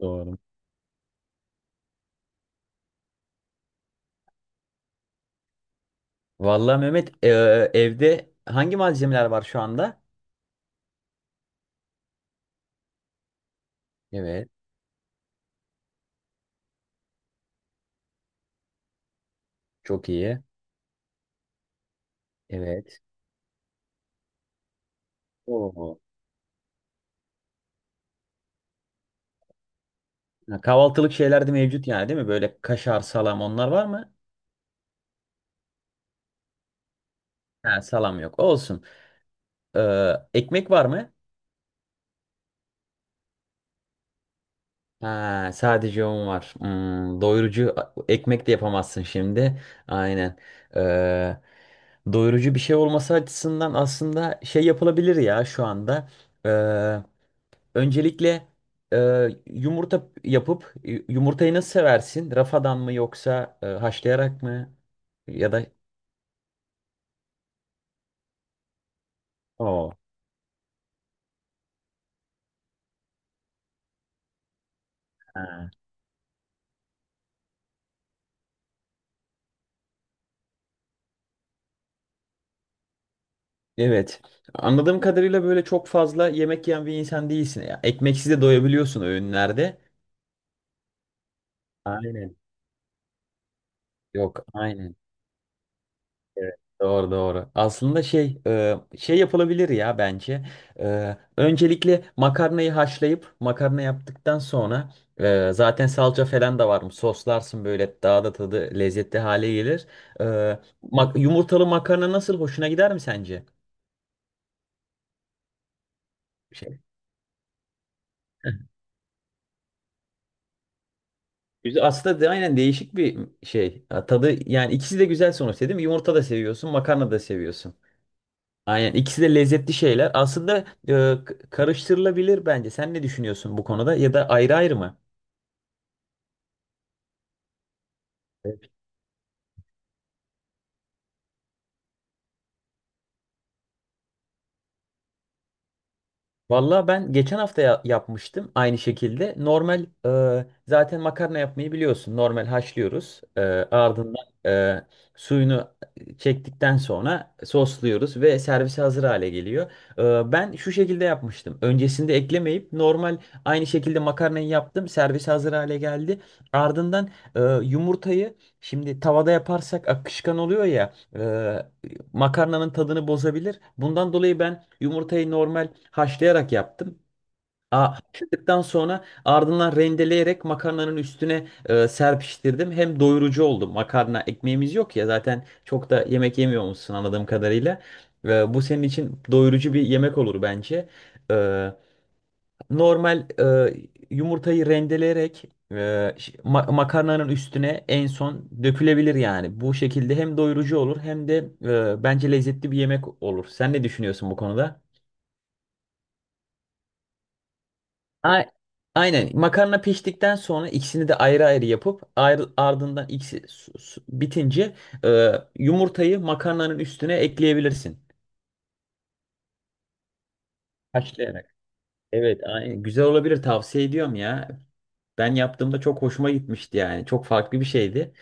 Doğru. Vallahi Mehmet evde hangi malzemeler var şu anda? Evet. Çok iyi. Evet. Oo. Ha, kahvaltılık şeyler de mevcut yani değil mi? Böyle kaşar, salam onlar var mı? Ha, salam yok. Olsun. Ekmek var mı? Ha, sadece un var. Hmm, doyurucu ekmek de yapamazsın şimdi. Aynen. Ee, doyurucu bir şey olması açısından aslında şey yapılabilir ya şu anda. Öncelikle e, yumurta yapıp yumurtayı nasıl seversin? Rafadan mı yoksa haşlayarak mı? Ya da oo. Ha. Evet. Anladığım kadarıyla böyle çok fazla yemek yiyen bir insan değilsin. Ya, ekmeksiz de doyabiliyorsun öğünlerde. Aynen. Yok, aynen. Evet, doğru. Aslında şey şey yapılabilir ya bence. Öncelikle makarnayı haşlayıp makarna yaptıktan sonra zaten salça falan da var mı? Soslarsın böyle daha da tadı lezzetli hale gelir. E, Yumurtalı makarna nasıl hoşuna gider mi sence? Şey. Güzel. Aslında de, aynen değişik bir şey. Ha, tadı yani ikisi de güzel sonuçta değil mi? Yumurta da seviyorsun, makarna da seviyorsun. Aynen ikisi de lezzetli şeyler. Aslında karıştırılabilir bence. Sen ne düşünüyorsun bu konuda ya da ayrı ayrı mı? Valla ben geçen hafta yapmıştım aynı şekilde. Normal zaten makarna yapmayı biliyorsun. Normal haşlıyoruz. Ardından suyunu çektikten sonra sosluyoruz ve servise hazır hale geliyor. Ben şu şekilde yapmıştım. Öncesinde eklemeyip normal aynı şekilde makarnayı yaptım. Servise hazır hale geldi. Ardından yumurtayı şimdi tavada yaparsak akışkan oluyor ya. e, Makarnanın tadını bozabilir. Bundan dolayı ben yumurtayı normal haşlayarak yaptım. Aa, haşladıktan sonra ardından rendeleyerek makarnanın üstüne serpiştirdim. Hem doyurucu oldu. Makarna ekmeğimiz yok ya zaten çok da yemek yemiyor musun anladığım kadarıyla. Bu senin için doyurucu bir yemek olur bence. E, Normal yumurtayı rendeleyerek makarnanın üstüne en son dökülebilir yani. Bu şekilde hem doyurucu olur hem de bence lezzetli bir yemek olur. Sen ne düşünüyorsun bu konuda? A- Aynen. Makarna piştikten sonra ikisini de ayrı ayrı yapıp ayrı, ardından ikisi bitince e, yumurtayı makarnanın üstüne ekleyebilirsin. Haşlayarak. Evet, aynen. Güzel olabilir. Tavsiye ediyorum ya. Ben yaptığımda çok hoşuma gitmişti yani. Çok farklı bir şeydi.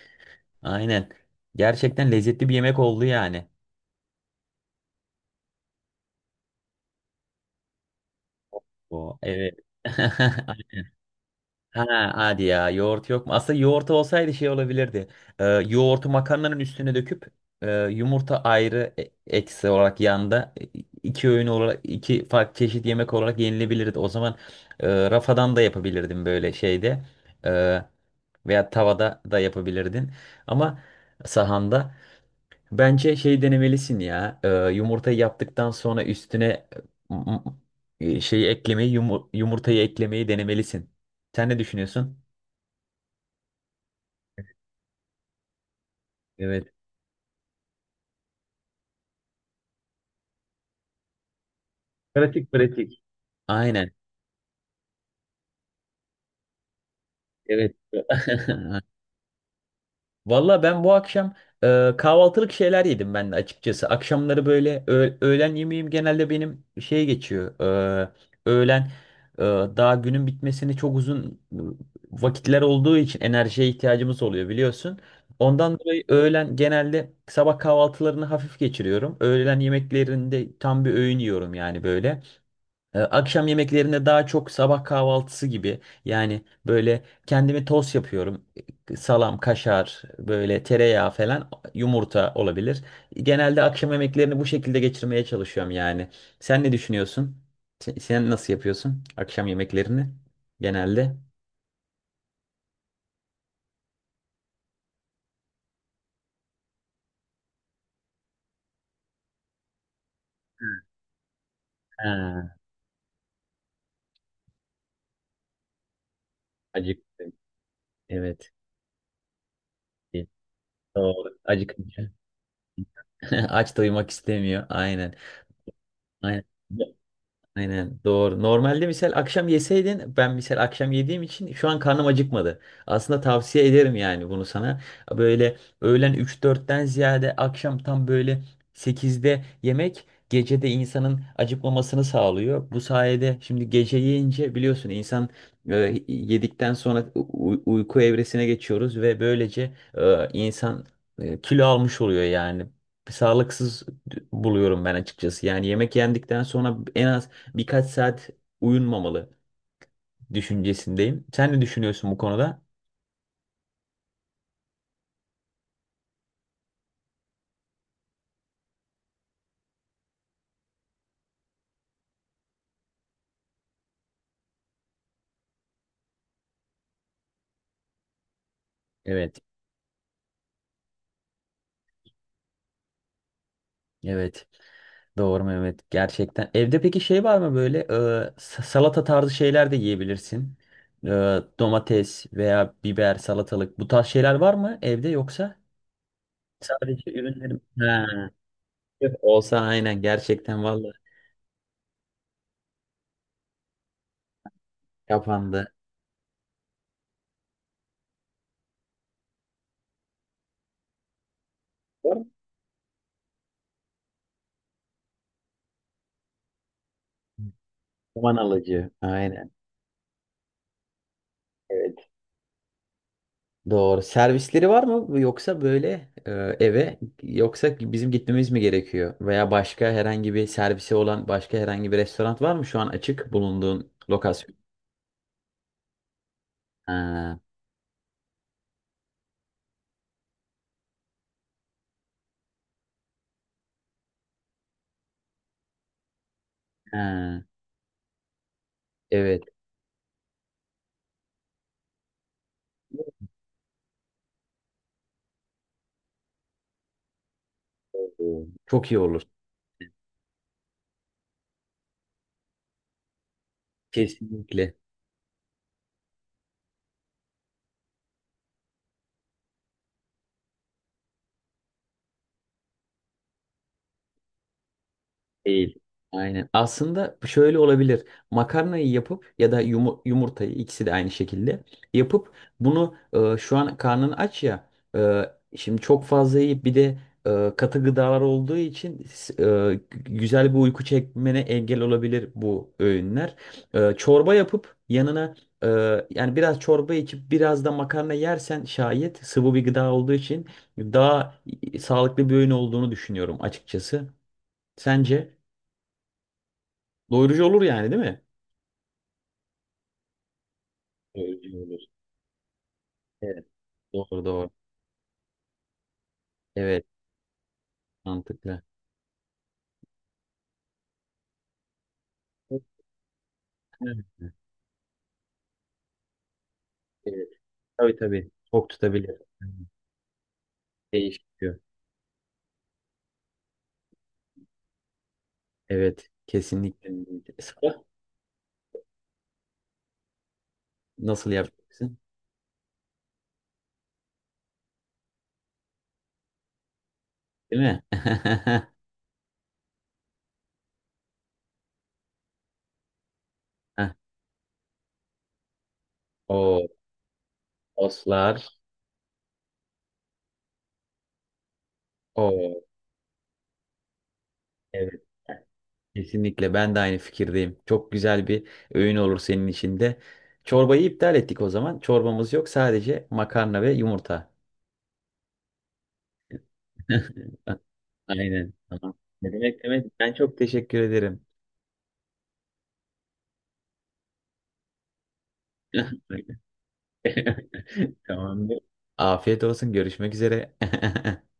Aynen. Gerçekten lezzetli bir yemek oldu yani. Bu evet. Ha, hadi ya yoğurt yok mu? Aslında yoğurt olsaydı şey olabilirdi. Yoğurtu makarnanın üstüne döküp yumurta ayrı eksi olarak yanda iki öğün olarak iki farklı çeşit yemek olarak yenilebilirdi. O zaman rafadan da yapabilirdim böyle şeyde. E, veya tavada da yapabilirdin. Ama sahanda. Bence şey denemelisin ya. Yumurtayı yaptıktan sonra üstüne m- şeyi eklemeyi, yumurtayı eklemeyi denemelisin. Sen ne düşünüyorsun? Evet. Pratik. Aynen. Evet. Valla ben bu akşam kahvaltılık şeyler yedim ben de açıkçası. Akşamları böyle öğlen yemeğim genelde benim şey geçiyor. e, Öğlen e, daha günün bitmesini çok uzun vakitler olduğu için enerjiye ihtiyacımız oluyor biliyorsun. Ondan dolayı öğlen genelde sabah kahvaltılarını hafif geçiriyorum. Öğlen yemeklerinde tam bir öğün yiyorum yani böyle. Akşam yemeklerinde daha çok sabah kahvaltısı gibi yani böyle kendimi tost yapıyorum. Salam, kaşar, böyle tereyağı falan, yumurta olabilir. Genelde akşam yemeklerini bu şekilde geçirmeye çalışıyorum yani. Sen ne düşünüyorsun? Sen nasıl yapıyorsun akşam yemeklerini genelde? Ha, acıktım. Evet. Doğru. Acıkınca. Aç doymak istemiyor. Aynen. Aynen. Aynen doğru. Normalde misal akşam yeseydin ben misal akşam yediğim için şu an karnım acıkmadı. Aslında tavsiye ederim yani bunu sana. Böyle öğlen üç dörtten ziyade akşam tam böyle sekizde yemek gecede insanın acıkmamasını sağlıyor. Bu sayede şimdi gece yiyince biliyorsun insan e, yedikten sonra uyku evresine geçiyoruz ve böylece insan kilo almış oluyor yani. Sağlıksız buluyorum ben açıkçası. Yani yemek yendikten sonra en az birkaç saat uyunmamalı düşüncesindeyim. Sen ne düşünüyorsun bu konuda? Evet, evet. Doğru Mehmet. Gerçekten. Evde peki şey var mı böyle salata tarzı şeyler de yiyebilirsin. E, domates veya biber, salatalık bu tarz şeyler var mı evde yoksa? Sadece ürünlerim. Ha. Yok, olsa aynen gerçekten valla kapandı. Var mı? Zaman alıcı. Aynen. Evet. Doğru. Servisleri var mı yoksa böyle eve yoksa bizim gitmemiz mi gerekiyor? Veya başka herhangi bir servisi olan başka herhangi bir restoran var mı şu an açık bulunduğun lokasyon? Ha, ha, evet. Çok iyi olur. Kesinlikle. Değil. Aynen. Aslında şöyle olabilir. Makarnayı yapıp ya da yumurtayı ikisi de aynı şekilde yapıp bunu şu an karnın aç ya e, şimdi çok fazla yiyip bir de katı gıdalar olduğu için güzel bir uyku çekmene engel olabilir bu öğünler. Çorba yapıp yanına e, yani biraz çorba içip biraz da makarna yersen şayet sıvı bir gıda olduğu için daha sağlıklı bir öğün olduğunu düşünüyorum açıkçası. Sence? Doyurucu olur yani değil mi? Doyurucu olur. Evet. Doğru. Evet. Mantıklı. Evet, evet. Tabii. Tok tutabilir. Değişiyor. Evet. Kesinlikle. Sıra nasıl yapacaksın? Değil mi? Heh, o oslar. O. Evet. Kesinlikle. Ben de aynı fikirdeyim. Çok güzel bir öğün olur senin için de. Çorbayı iptal ettik o zaman. Çorbamız yok. Sadece makarna ve yumurta. Aynen. Tamam. Ne demek. Ben çok teşekkür ederim. Tamamdır. Afiyet olsun. Görüşmek üzere.